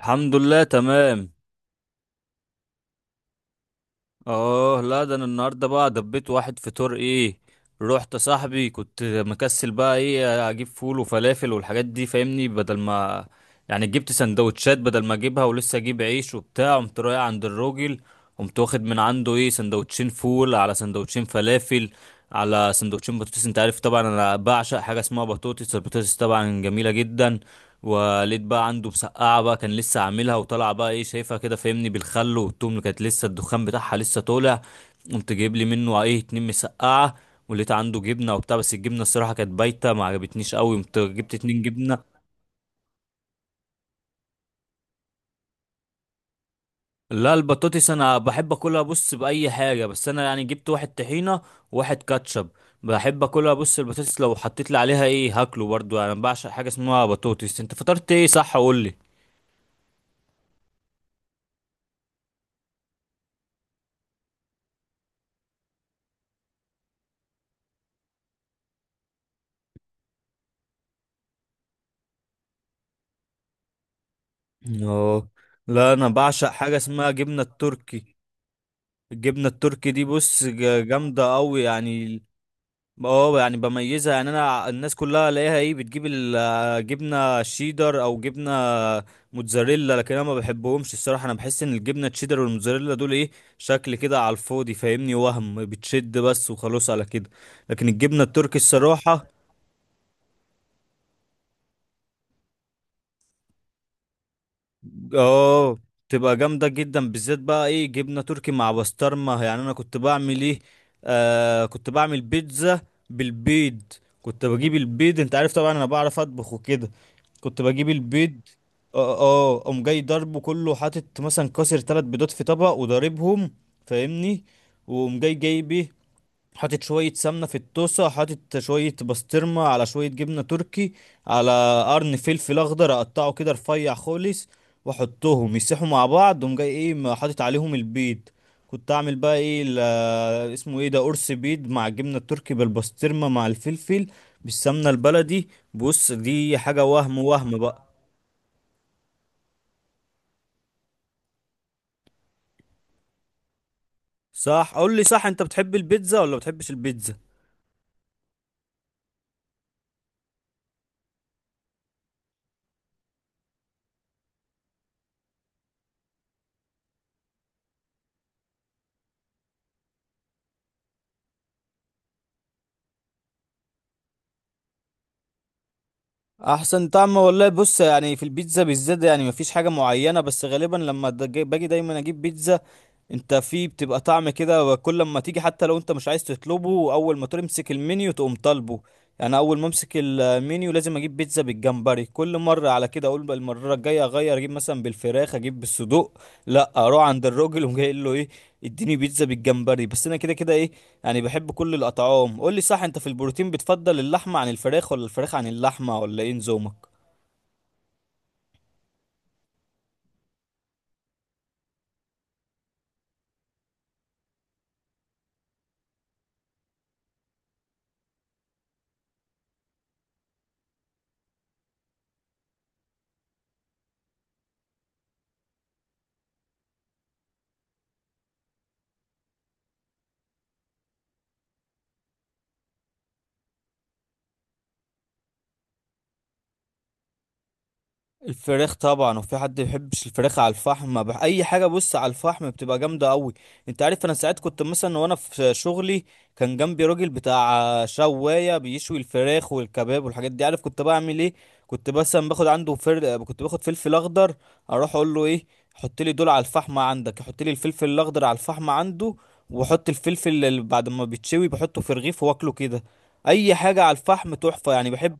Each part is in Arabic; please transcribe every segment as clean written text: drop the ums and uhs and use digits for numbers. الحمد لله، تمام. اه لا، ده انا النهارده بقى دبيت واحد فطور ايه. رحت صاحبي، كنت مكسل بقى ايه اجيب فول وفلافل والحاجات دي فاهمني، بدل ما يعني جبت سندوتشات، بدل ما اجيبها ولسه اجيب عيش وبتاع، قمت رايح عند الراجل. قمت واخد من عنده ايه سندوتشين فول على سندوتشين فلافل على سندوتشين بطاطس. انت عارف طبعا انا بعشق حاجه اسمها بطاطس، البطاطس طبعا جميله جدا. ولقيت بقى عنده مسقعه بقى، كان لسه عاملها وطالعه بقى ايه، شايفها كده فاهمني، بالخل والتوم، اللي كانت لسه الدخان بتاعها لسه طالع. قمت جايب لي منه ايه 2 مسقعه. ولقيت عنده جبنه وبتاع، بس الجبنه الصراحه كانت بايته ما عجبتنيش قوي، قمت جبت 2 جبنه. لا البطاطس انا بحب اكلها بص باي حاجه، بس انا يعني جبت واحد طحينه وواحد كاتشب. بحب اكلها بص، البطاطس لو حطيت لي عليها ايه هاكله، برضو انا بعشق حاجه اسمها بطاطس. انت فطرت ايه؟ صح قول لي. اه لا، انا بعشق حاجه اسمها جبنه التركي. الجبنه التركي دي بص جامده قوي يعني. اه يعني بميزها، يعني انا الناس كلها الاقيها ايه بتجيب الجبنه شيدر او جبنه موتزاريلا، لكن انا ما بحبهمش الصراحه، انا بحس ان الجبنه الشيدر والموتزاريلا دول ايه شكل كده على الفاضي فاهمني، وهم بتشد بس وخلاص على كده. لكن الجبنه التركي الصراحه، اه تبقى جامدة جدا بالذات بقى ايه جبنة تركي مع بسطرمة. يعني انا كنت بعمل ايه، آه كنت بعمل بيتزا بالبيض. كنت بجيب البيض، انت عارف طبعا انا بعرف اطبخ وكده. كنت بجيب البيض، اه اه قوم جاي ضربه كله، حاطط مثلا كسر 3 بيضات في طبق وضاربهم فاهمني. وقوم جاي جايب ايه، حاطط شوية سمنة في الطاسة، حاطط شوية بسطرمة على شوية جبنة تركي، على قرن فلفل أخضر أقطعه كده رفيع خالص، وأحطهم يسيحوا مع بعض، وأقوم جاي إيه حاطط عليهم البيض. كنت أعمل بقى إيه اسمه إيه ده، قرص بيض مع الجبنة التركي بالبسطرمة مع الفلفل بالسمنة البلدي. بص دي حاجة وهم وهم بقى. صح قول لي صح، أنت بتحب البيتزا ولا بتحبش البيتزا؟ احسن طعم والله بص، يعني في البيتزا بالذات يعني مفيش حاجه معينه، بس غالبا لما باجي دايما اجيب بيتزا. انت في بتبقى طعم كده، وكل ما تيجي حتى لو انت مش عايز تطلبه، اول ما تمسك المنيو تقوم طالبه. يعني اول ما امسك المنيو لازم اجيب بيتزا بالجمبري. كل مره على كده اقول بقى المره الجايه اغير اجيب مثلا بالفراخ، اجيب بالصدوق، لا اروح عند الراجل وجاي له ايه اديني بيتزا بالجمبري، بس انا كده كده ايه يعني بحب كل الأطعام. قول لي صح، أنت في البروتين بتفضل اللحمة عن الفراخ ولا الفراخ عن اللحمة، ولا إيه نظامك؟ الفراخ طبعا. وفي حد ما بيحبش الفراخ على الفحم؟ اي حاجه بص على الفحم بتبقى جامده قوي. انت عارف انا ساعات كنت مثلا وانا في شغلي كان جنبي راجل بتاع شوايه بيشوي الفراخ والكباب والحاجات دي، عارف كنت بعمل ايه؟ كنت مثلا باخد عنده كنت باخد فلفل اخضر، اروح اقول له ايه حط لي دول على الفحم عندك، حط لي الفلفل الاخضر على الفحم عنده. وحط الفلفل اللي بعد ما بيتشوي بحطه في رغيف واكله كده. اي حاجه على الفحم تحفه، يعني بحب.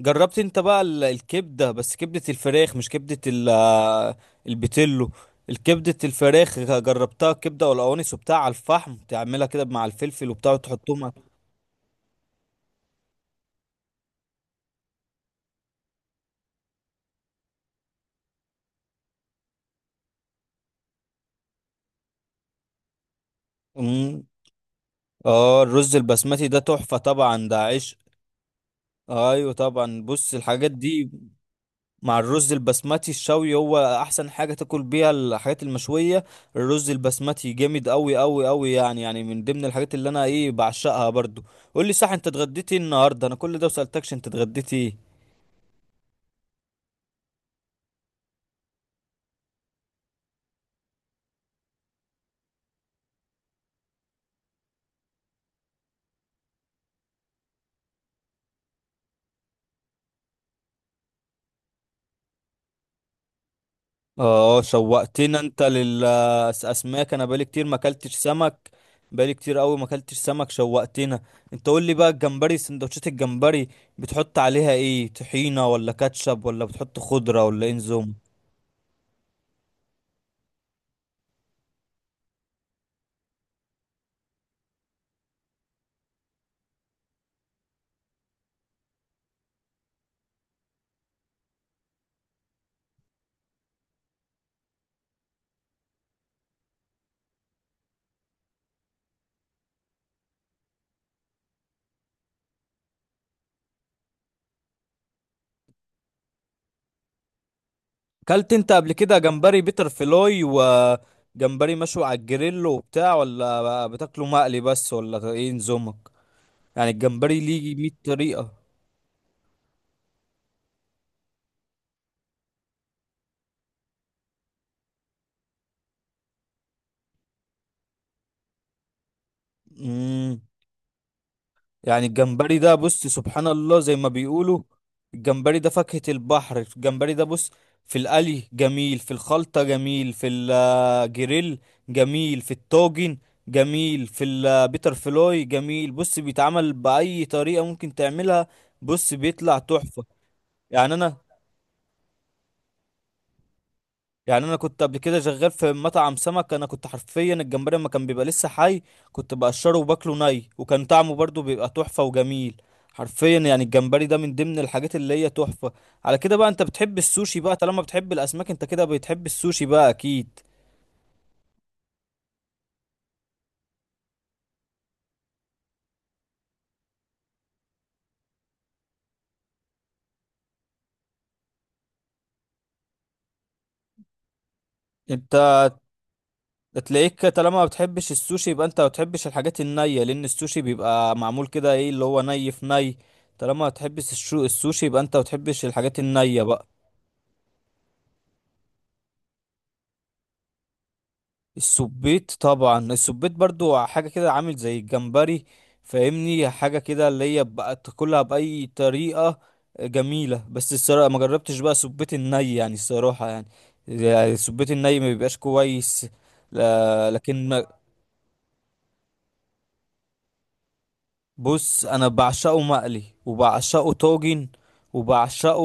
جربت انت بقى الكبدة، بس كبدة الفراخ مش كبدة البتلو. الكبدة الفراخ جربتها، كبدة والقوانص وبتاع على الفحم، تعملها كده مع الفلفل وبتاع وتحطهم على... مم. اه الرز البسمتي ده تحفة، طبعا ده عشق. ايوه طبعا بص الحاجات دي مع الرز البسمتي الشوي هو احسن حاجه تاكل بيها الحاجات المشويه. الرز البسمتي جامد قوي قوي قوي، يعني من ضمن الحاجات اللي انا ايه بعشقها برضو. قول لي صح، انت اتغديتي إيه النهارده؟ انا كل ده وسالتكش انت اتغديتي ايه. اه شوقتنا انت للاسماك، انا بقالي كتير ما اكلتش سمك. بقالي كتير قوي ما اكلتش سمك، شوقتنا انت. قول لي بقى الجمبري، سندوتشات الجمبري بتحط عليها ايه، طحينه ولا كاتشب، ولا بتحط خضره، ولا ايه نظام؟ كلت انت قبل كده جمبري بيتر فلوي وجمبري مشوي على الجريل وبتاع، ولا بتاكله مقلي بس، ولا ايه نظامك؟ يعني الجمبري ليه 100 طريقة. امم، يعني الجمبري ده بص سبحان الله زي ما بيقولوا الجمبري ده فاكهة البحر. الجمبري ده بص في القلي جميل، في الخلطة جميل، في الجريل جميل، في الطاجن جميل، في البيتر فلوي جميل. بص بيتعمل بأي طريقة ممكن تعملها، بص بيطلع تحفة. يعني انا كنت قبل كده شغال في مطعم سمك. انا كنت حرفيا الجمبري لما كان بيبقى لسه حي كنت بقشره وباكله ني، وكان طعمه برضو بيبقى تحفة وجميل. حرفيا يعني الجمبري ده من ضمن الحاجات اللي هي تحفة. على كده بقى انت بتحب السوشي بقى، طالما بتحب الاسماك انت كده بتحب السوشي بقى اكيد. انت تلاقيك طالما ما بتحبش السوشي يبقى انت ما بتحبش الحاجات النية، لان السوشي بيبقى معمول كده ايه اللي هو ني في ني. طالما ما بتحبش السوشي يبقى انت ما بتحبش الحاجات النية بقى. السبيت طبعا، السبيت برضو حاجة كده عامل زي الجمبري فاهمني، حاجة كده اللي هي بقى تاكلها بأي طريقة جميلة. بس الصراحة ما جربتش بقى سبيت الني، يعني الصراحة يعني، يعني السبيت الني ما بيبقاش كويس، لا. لكن بص انا بعشقه مقلي، وبعشقه طاجن، وبعشقه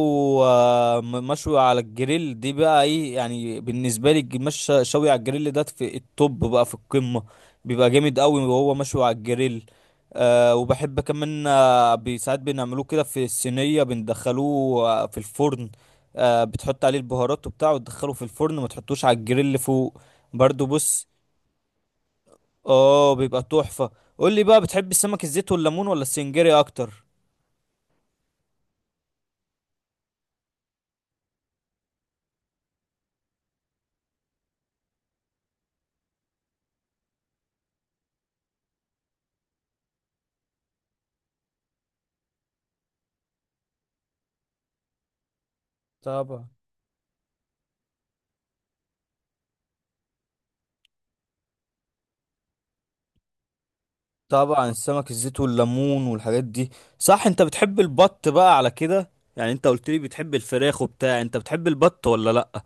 مشوي على الجريل. دي بقى ايه يعني بالنسبه لي مش شوي على الجريل ده في التوب بقى، في القمه، بيبقى جامد قوي وهو مشوي على الجريل. أه وبحب كمان ساعات بنعملوه كده في الصينيه، بندخلوه في الفرن. أه بتحط عليه البهارات وبتاع وتدخله في الفرن، ما تحطوش على الجريل فوق، برضو بص. اه بيبقى تحفة. قول لي بقى، بتحب السمك الزيت والليمون ولا السنجاري اكتر؟ طبعا طبعا السمك الزيت والليمون والحاجات دي. صح انت بتحب البط بقى على كده؟ يعني انت قلت لي بتحب الفراخ وبتاع، انت بتحب البط ولا لا؟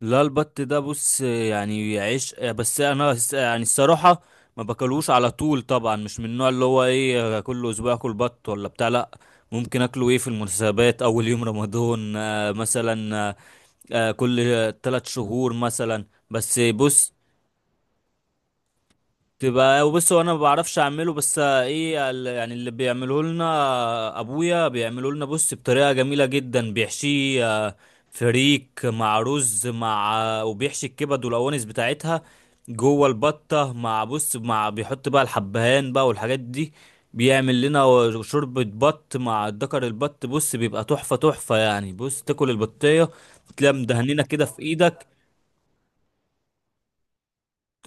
لا البط ده بص يعني عيش، بس انا يعني الصراحة ما باكلوش على طول، طبعا مش من النوع اللي هو ايه كل اسبوع اكل بط ولا بتاع، لا. ممكن اكله ايه في المناسبات، اول يوم رمضان مثلا، كل 3 شهور مثلا. بس بص، تبقى بص هو انا ما بعرفش اعمله، بس ايه يعني اللي بيعمله لنا ابويا بيعمله لنا بص بطريقه جميله جدا، بيحشيه فريك مع رز مع وبيحشي الكبد والاوانس بتاعتها جوه البطه، مع بص مع بيحط بقى الحبهان بقى والحاجات دي. بيعمل لنا شوربة بط مع الدكر البط. بص بيبقى تحفة تحفة، يعني بص تاكل البطية تلاقيها مدهنينة كده في ايدك.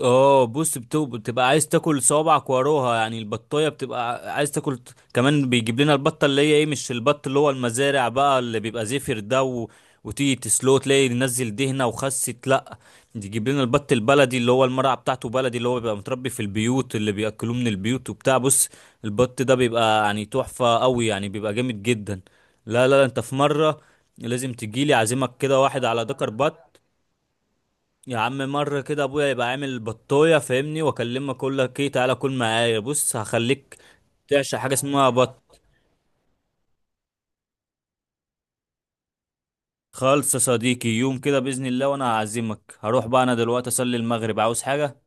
اه بص بتبقى عايز تاكل صوابعك وراها، يعني البطايه بتبقى عايز تاكل كمان. بيجيب لنا البطه اللي هي ايه، مش البط اللي هو المزارع بقى اللي بيبقى زفر ده، و... وتيجي تسلو تلاقي نزل دهنه وخست، لا. يجيب لنا البط البلدي اللي هو المرعى بتاعته بلدي، اللي هو بيبقى متربي في البيوت اللي بياكلوه من البيوت وبتاع. بص البط ده بيبقى يعني تحفه قوي، يعني بيبقى جامد جدا. لا لا لا، انت في مره لازم تجيلي، اعزمك كده واحد على ذكر بط. يا عم مرة كده ابويا يبقى عامل بطاية فاهمني، واكلمك اقول لك ايه تعالى كل معايا، بص هخليك تعشق حاجة اسمها بط. خالص يا صديقي، يوم كده بإذن الله وانا هعزمك. هروح بقى انا دلوقتي اصلي المغرب، عاوز حاجة؟